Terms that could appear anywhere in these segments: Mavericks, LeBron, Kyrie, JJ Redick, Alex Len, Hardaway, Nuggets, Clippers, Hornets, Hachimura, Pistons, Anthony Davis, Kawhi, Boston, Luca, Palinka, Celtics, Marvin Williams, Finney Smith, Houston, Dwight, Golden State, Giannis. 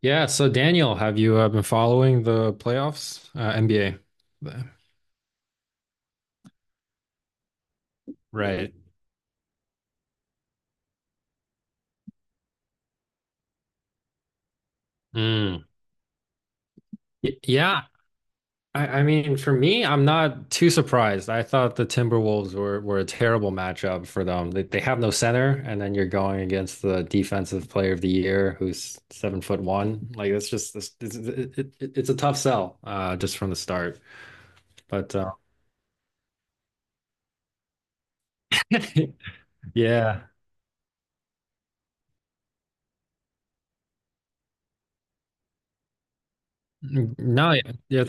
Yeah, so Daniel, have you been following the playoffs, NBA? Right. Mm. Yeah, I mean, for me, I'm not too surprised. I thought the Timberwolves were a terrible matchup for them. They have no center, and then you're going against the defensive player of the year who's 7 foot one. Like, that's just it's a tough sell, just from the start. But yeah. Mm, no, yeah, yeah.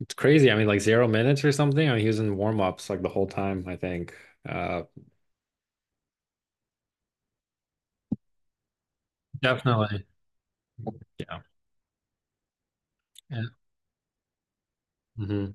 It's crazy. I mean, like 0 minutes or something. I mean, he was in warm-ups like the whole time, I think. Uh, Definitely. Yeah. Yeah. Hmm.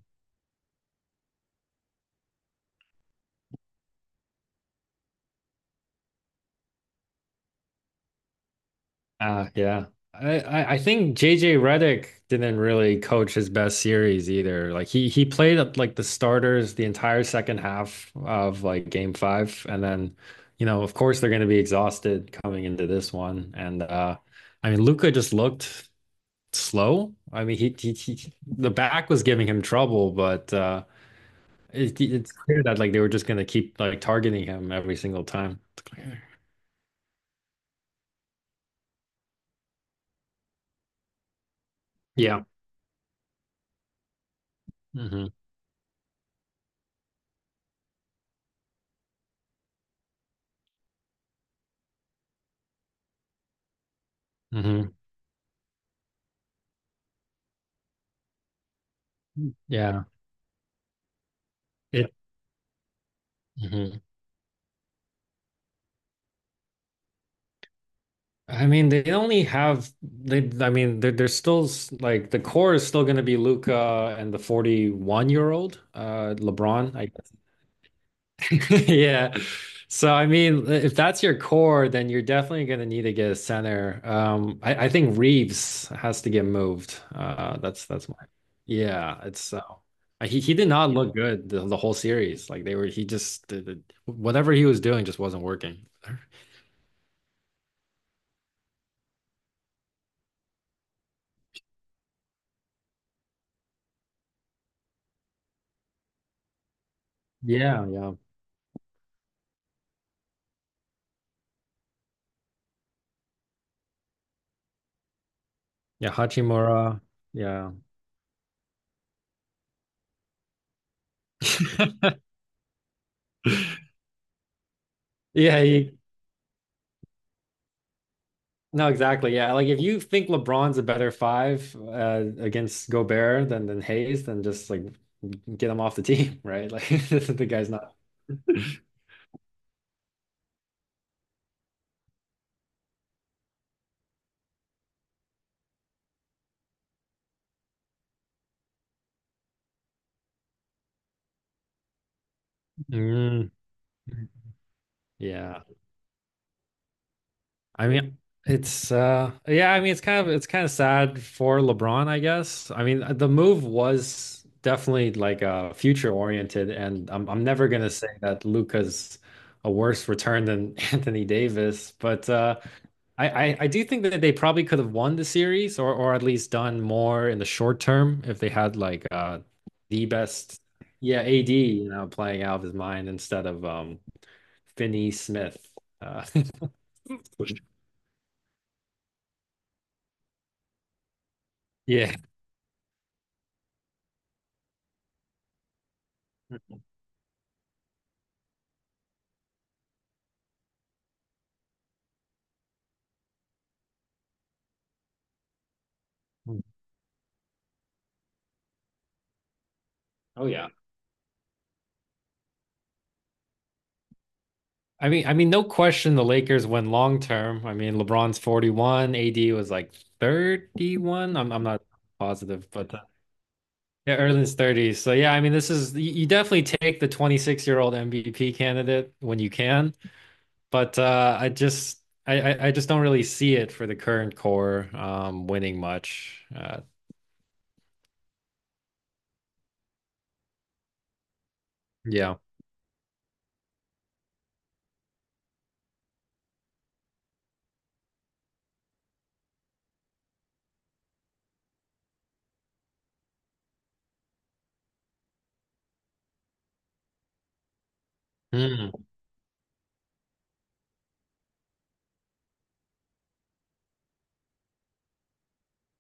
Yeah. I think JJ Redick didn't really coach his best series either. Like he played up like the starters the entire second half of like game five. And then, you know, of course they're gonna be exhausted coming into this one. And I mean Luca just looked slow. I mean he the back was giving him trouble, but it's clear that like they were just gonna keep like targeting him every single time. It's clear. Yeah. Hmm. Hmm. Yeah. It. Hmm. I mean, they only have they. I mean, they're still like the core is still gonna be Luca and the 41-year-old year old LeBron. I... Yeah. So I mean, if that's your core, then you're definitely going to need to get a center. I think Reeves has to get moved. That's my... Yeah. It's so he did not look good the whole series. Like they were, he just whatever he was doing just wasn't working. Yeah, yeah, yeah. Hachimura, yeah. Yeah. He... No, exactly. Yeah. Like if you think LeBron's a better five against Gobert than Hayes, then just like get him off the team, right? Like the guy's not... Mm. Yeah. I mean, it's yeah, I mean it's kind of sad for LeBron, I guess. I mean, the move was definitely like future oriented and I'm never gonna say that Luca's a worse return than Anthony Davis, but I, I do think that they probably could have won the series or at least done more in the short term if they had like the best... Yeah, AD, you know, playing out of his mind instead of Finney Smith... uh yeah. Oh yeah. I mean, no question the Lakers win long term. I mean, LeBron's 41, AD was like 31. I'm not positive, but yeah, Erden's 30s. So yeah, I mean, this is you definitely take the 26-year-old MVP candidate when you can, but I just don't really see it for the current core winning much. Yeah. Hmm.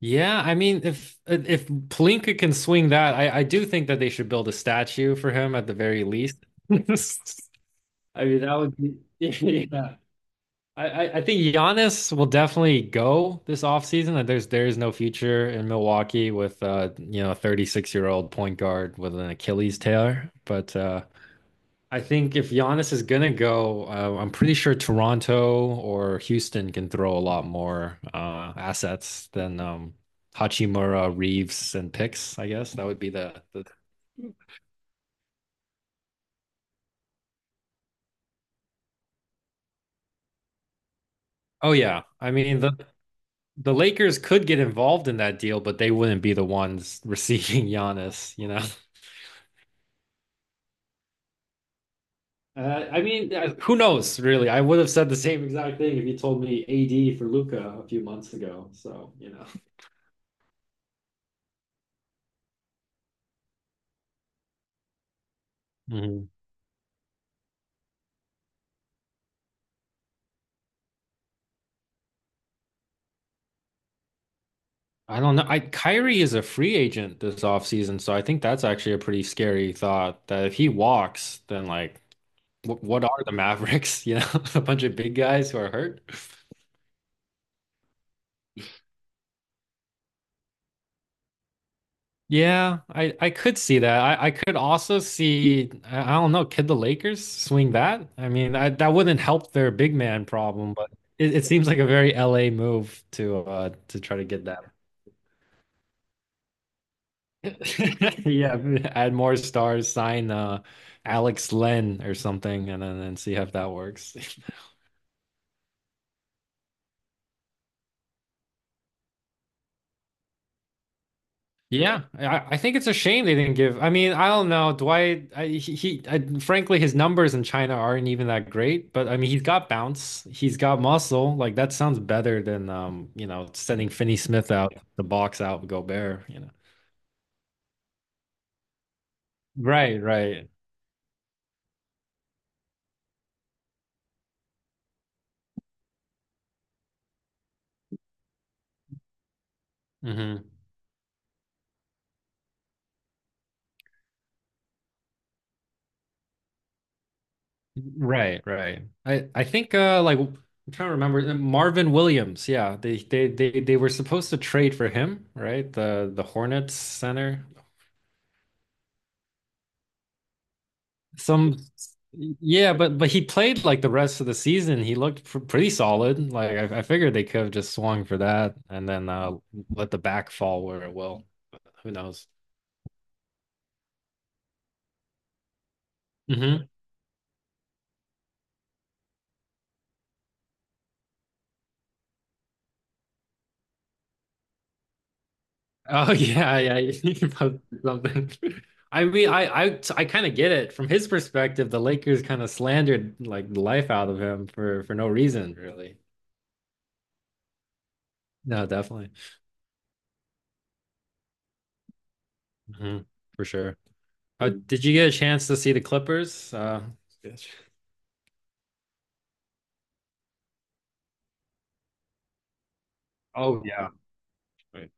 Yeah, I mean, if Palinka can swing that, I do think that they should build a statue for him at the very least. I mean, that would be yeah. I think Giannis will definitely go this offseason. Like, there is no future in Milwaukee with you know a 36-year-old year old point guard with an Achilles tear. But I think if Giannis is gonna go, I'm pretty sure Toronto or Houston can throw a lot more assets than Hachimura, Reeves, and picks. I guess that would be the. Oh yeah, I mean the Lakers could get involved in that deal, but they wouldn't be the ones receiving Giannis. You know, I mean, who knows? Really, I would have said the same exact thing if you told me AD for Luca a few months ago. So you know. Mhm. I don't know. I Kyrie is a free agent this offseason, so I think that's actually a pretty scary thought that if he walks, then like what are the Mavericks? You know, a bunch of big guys who are hurt. Yeah, I could see that. I could also see... I don't know, could the Lakers swing that? I mean, I, that wouldn't help their big man problem, but it seems like a very LA move to try to get that. Yeah, add more stars, sign Alex Len or something, and then and see if that works. Yeah, I think it's a shame they didn't give. I mean, I don't know, Dwight. I, he I, frankly, his numbers in China aren't even that great. But I mean, he's got bounce, he's got muscle. Like that sounds better than you know, sending Finney Smith out the box out with Gobert. You know, right, right. Mhm. Right, right. I think like I'm trying to remember Marvin Williams. Yeah, they were supposed to trade for him, right? The Hornets center. Some, yeah, but he played like the rest of the season. He looked pr pretty solid. Like I figured they could have just swung for that and then let the back fall where it will. Who knows? Mhm. Oh yeah, yeah. You can post something. I mean, I kind of get it from his perspective. The Lakers kind of slandered like the life out of him for no reason, really. No, definitely. Hmm. For sure. Did you get a chance to see the Clippers? Uh... Yes. Oh yeah. Right.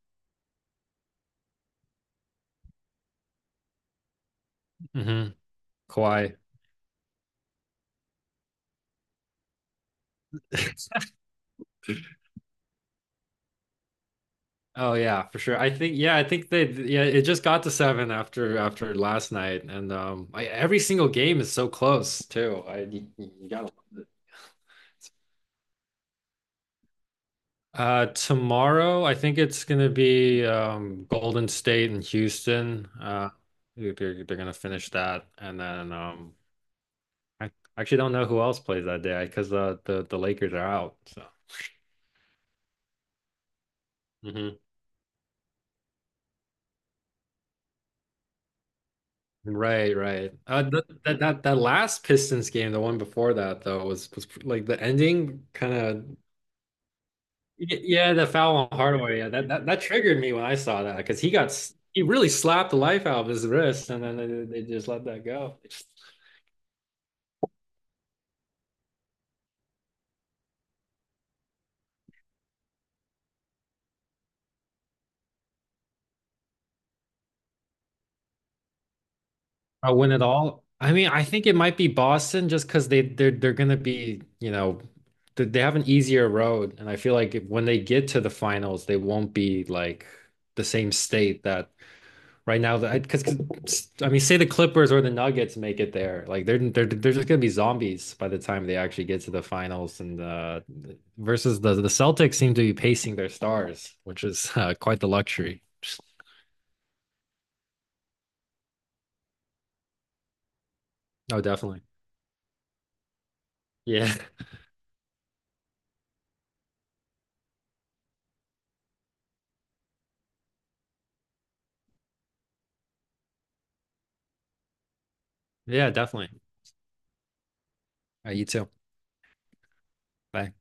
Hmm. Kawhi. Oh yeah, for sure. I think yeah, I think they yeah, it just got to seven after last night, and every single game is so close too. You gotta love it. Tomorrow, I think it's gonna be Golden State and Houston. They're gonna finish that, and then I actually don't know who else plays that day because the Lakers are out. So... Hmm. Right, right. Th that last Pistons game, the one before that though, was like the ending kind of... Yeah, the foul on Hardaway. Yeah, that triggered me when I saw that because he really slapped the life out of his wrist, and then they just let that go. I win it all. I mean, I think it might be Boston just because they're gonna be, you know, they have an easier road, and I feel like when they get to the finals, they won't be like the same state that right now. That because I mean, say the Clippers or the Nuggets make it there, like they're just gonna be zombies by the time they actually get to the finals. And versus the Celtics seem to be pacing their stars, which is quite the luxury. Oh, definitely. Yeah, yeah, definitely. You too. Bye.